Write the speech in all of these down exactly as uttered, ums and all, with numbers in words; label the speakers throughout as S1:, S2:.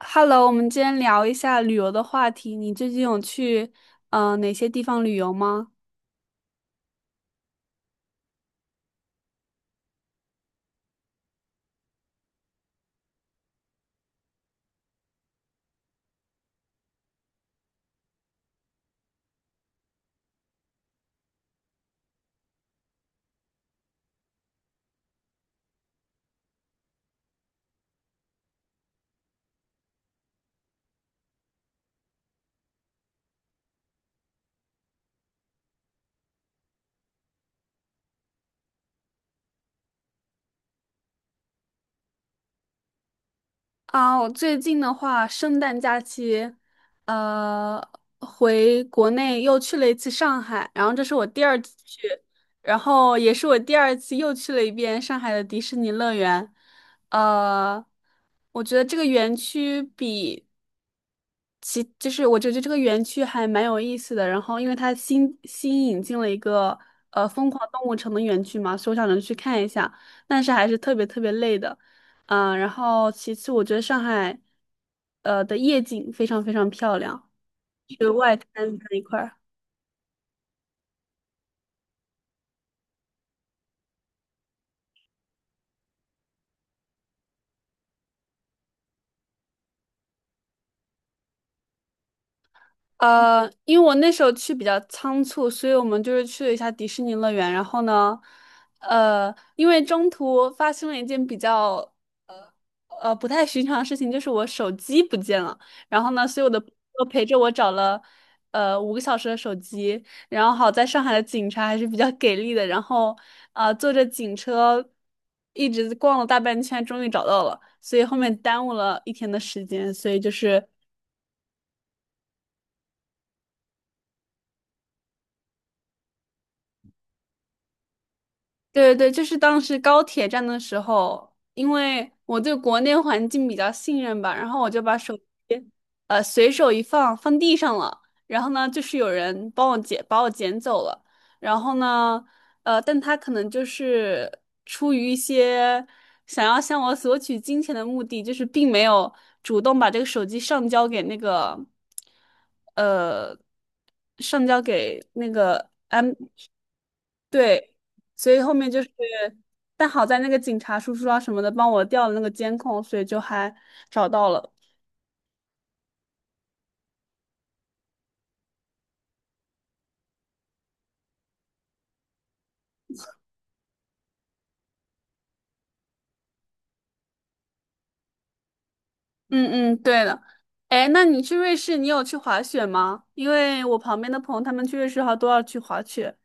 S1: Hello，我们今天聊一下旅游的话题。你最近有去呃哪些地方旅游吗？啊，我最近的话，圣诞假期，呃，回国内又去了一次上海，然后这是我第二次去，然后也是我第二次又去了一遍上海的迪士尼乐园。呃，我觉得这个园区比其就是我觉得这个园区还蛮有意思的，然后因为它新新引进了一个呃疯狂动物城的园区嘛，所以我想着去看一下，但是还是特别特别累的，嗯、然后其次我觉得上海呃的夜景非常非常漂亮，就是外滩那一块儿。呃，因为我那时候去比较仓促，所以我们就是去了一下迪士尼乐园。然后呢，呃，因为中途发生了一件比较呃不太寻常的事情，就是我手机不见了。然后呢，所以我的朋友陪着我找了呃五个小时的手机，然后好在上海的警察还是比较给力的，然后啊、呃坐着警车一直逛了大半圈，终于找到了。所以后面耽误了一天的时间，所以就是。对对对，就是当时高铁站的时候，因为我对国内环境比较信任吧，然后我就把手机，呃，随手一放，放地上了。然后呢，就是有人帮我捡，把我捡走了。然后呢，呃，但他可能就是出于一些想要向我索取金钱的目的，就是并没有主动把这个手机上交给那个，呃，上交给那个安。对，所以后面就是，但好在那个警察叔叔啊什么的帮我调了那个监控，所以就还找到了。嗯嗯，对的。哎，那你去瑞士，你有去滑雪吗？因为我旁边的朋友他们去瑞士好像都要去滑雪。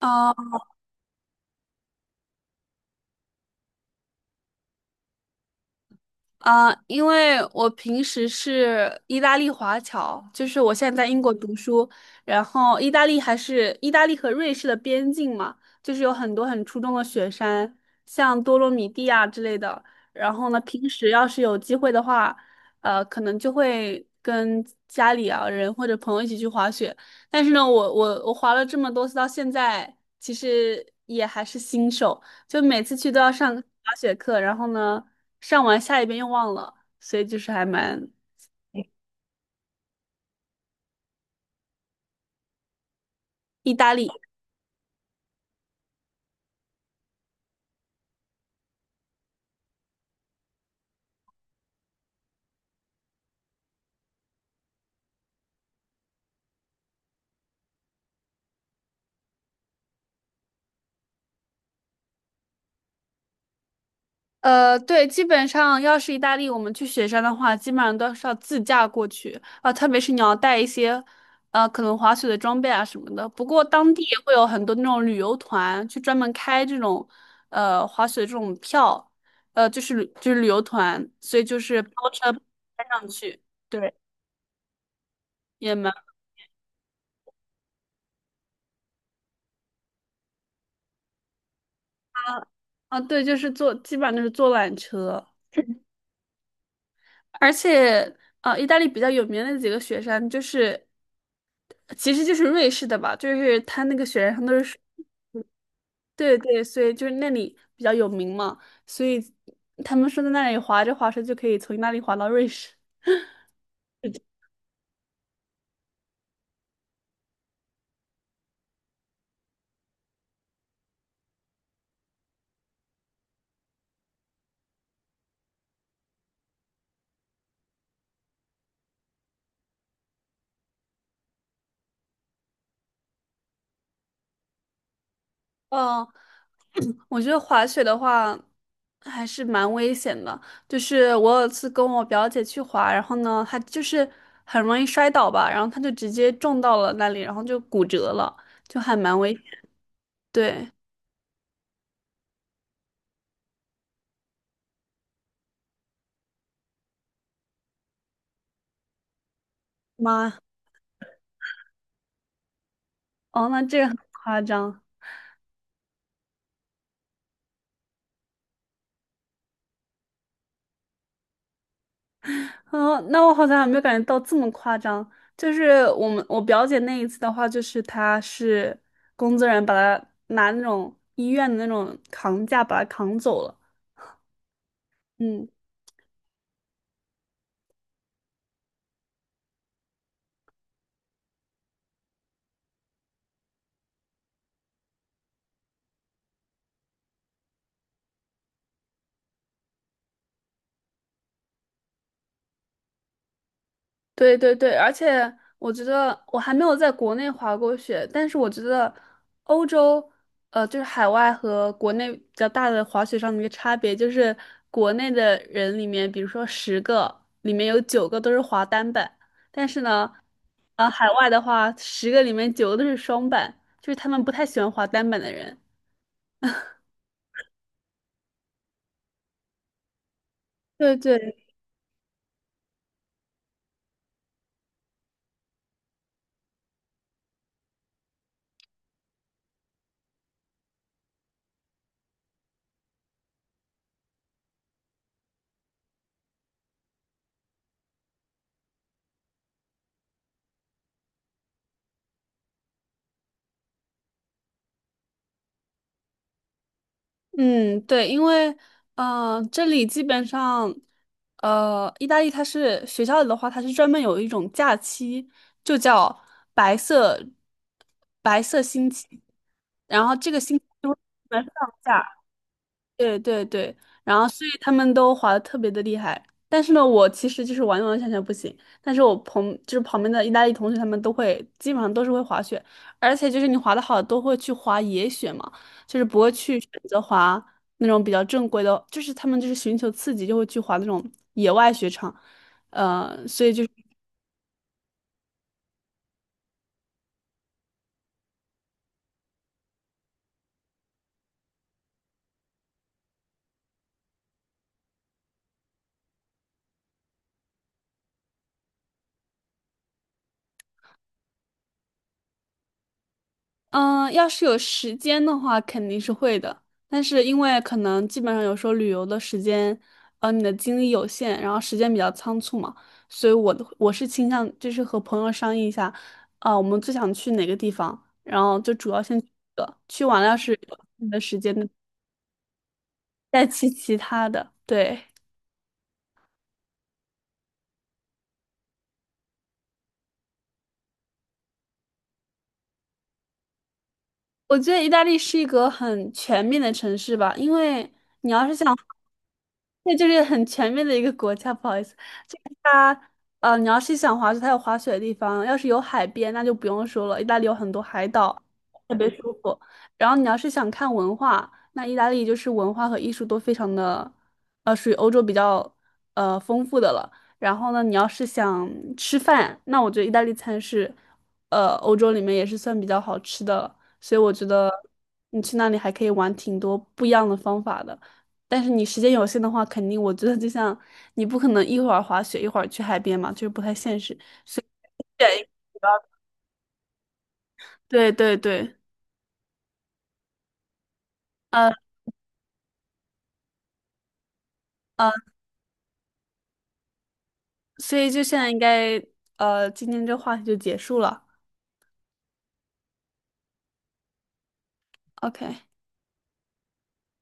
S1: 哦。啊，因为我平时是意大利华侨，就是我现在在英国读书，然后意大利还是意大利和瑞士的边境嘛，就是有很多很出众的雪山，像多洛米蒂啊之类的。然后呢，平时要是有机会的话，呃，可能就会跟家里啊人或者朋友一起去滑雪。但是呢，我我我滑了这么多次，到现在其实也还是新手。就每次去都要上滑雪课，然后呢，上完下一遍又忘了，所以就是还蛮。意大利。呃，对，基本上要是意大利，我们去雪山的话，基本上都是要自驾过去啊，特别是你要带一些，呃，可能滑雪的装备啊什么的。不过当地也会有很多那种旅游团去专门开这种，呃，滑雪这种票，呃，就是旅就是旅游团，所以就是包车包上去，对，也蛮。啊，对，就是坐，基本上都是坐缆车。而且，呃，意大利比较有名的几个雪山，就是其实就是瑞士的吧，就是它那个雪山上都是水。对对，所以就是那里比较有名嘛，所以他们说在那里滑着滑着就可以从意大利滑到瑞士。哦。我觉得滑雪的话还是蛮危险的，就是我有一次跟我表姐去滑，然后呢，她就是很容易摔倒吧，然后她就直接撞到了那里，然后就骨折了，就还蛮危险。对。妈。哦，那这个很夸张。哦，那我好像还没有感觉到这么夸张。就是我们我表姐那一次的话，就是她是工作人员把她拿那种医院的那种扛架把她扛走了。嗯。对对对，而且我觉得我还没有在国内滑过雪，但是我觉得欧洲，呃，就是海外和国内比较大的滑雪上的一个差别，就是国内的人里面，比如说十个里面有九个都是滑单板，但是呢，呃，海外的话，十个里面九个都是双板，就是他们不太喜欢滑单板的人。对对，嗯，对，因为嗯、呃这里基本上，呃，意大利它是学校里的话，它是专门有一种假期，就叫白色白色星期，然后这个星期就会专门放假。对对对，然后所以他们都滑的特别的厉害，但是呢，我其实就是完完全全不行，但是我朋就是旁边的意大利同学他们都会，基本上都是会滑雪，而且就是你滑的好都会去滑野雪嘛，就是不会去选择滑那种比较正规的，就是他们就是寻求刺激就会去滑那种野外雪场，呃，所以就是。嗯，要是有时间的话，肯定是会的。但是因为可能基本上有时候旅游的时间，呃，你的精力有限，然后时间比较仓促嘛，所以我的我是倾向就是和朋友商议一下，啊、我们最想去哪个地方，然后就主要先去这个，去完了要是有的时间再去其他的。对，我觉得意大利是一个很全面的城市吧，因为你要是想，那就是很全面的一个国家。不好意思，就是它，呃，你要是想滑雪，它有滑雪的地方；要是有海边，那就不用说了，意大利有很多海岛，特别舒服。然后你要是想看文化，那意大利就是文化和艺术都非常的，呃，属于欧洲比较呃丰富的了。然后呢，你要是想吃饭，那我觉得意大利餐是，呃，欧洲里面也是算比较好吃的了。所以我觉得你去那里还可以玩挺多不一样的方法的。但是你时间有限的话，肯定我觉得就像你不可能一会儿滑雪一会儿去海边嘛，就是不太现实。对对对对，呃呃，所以就现在应该呃，今天这话题就结束了。OK。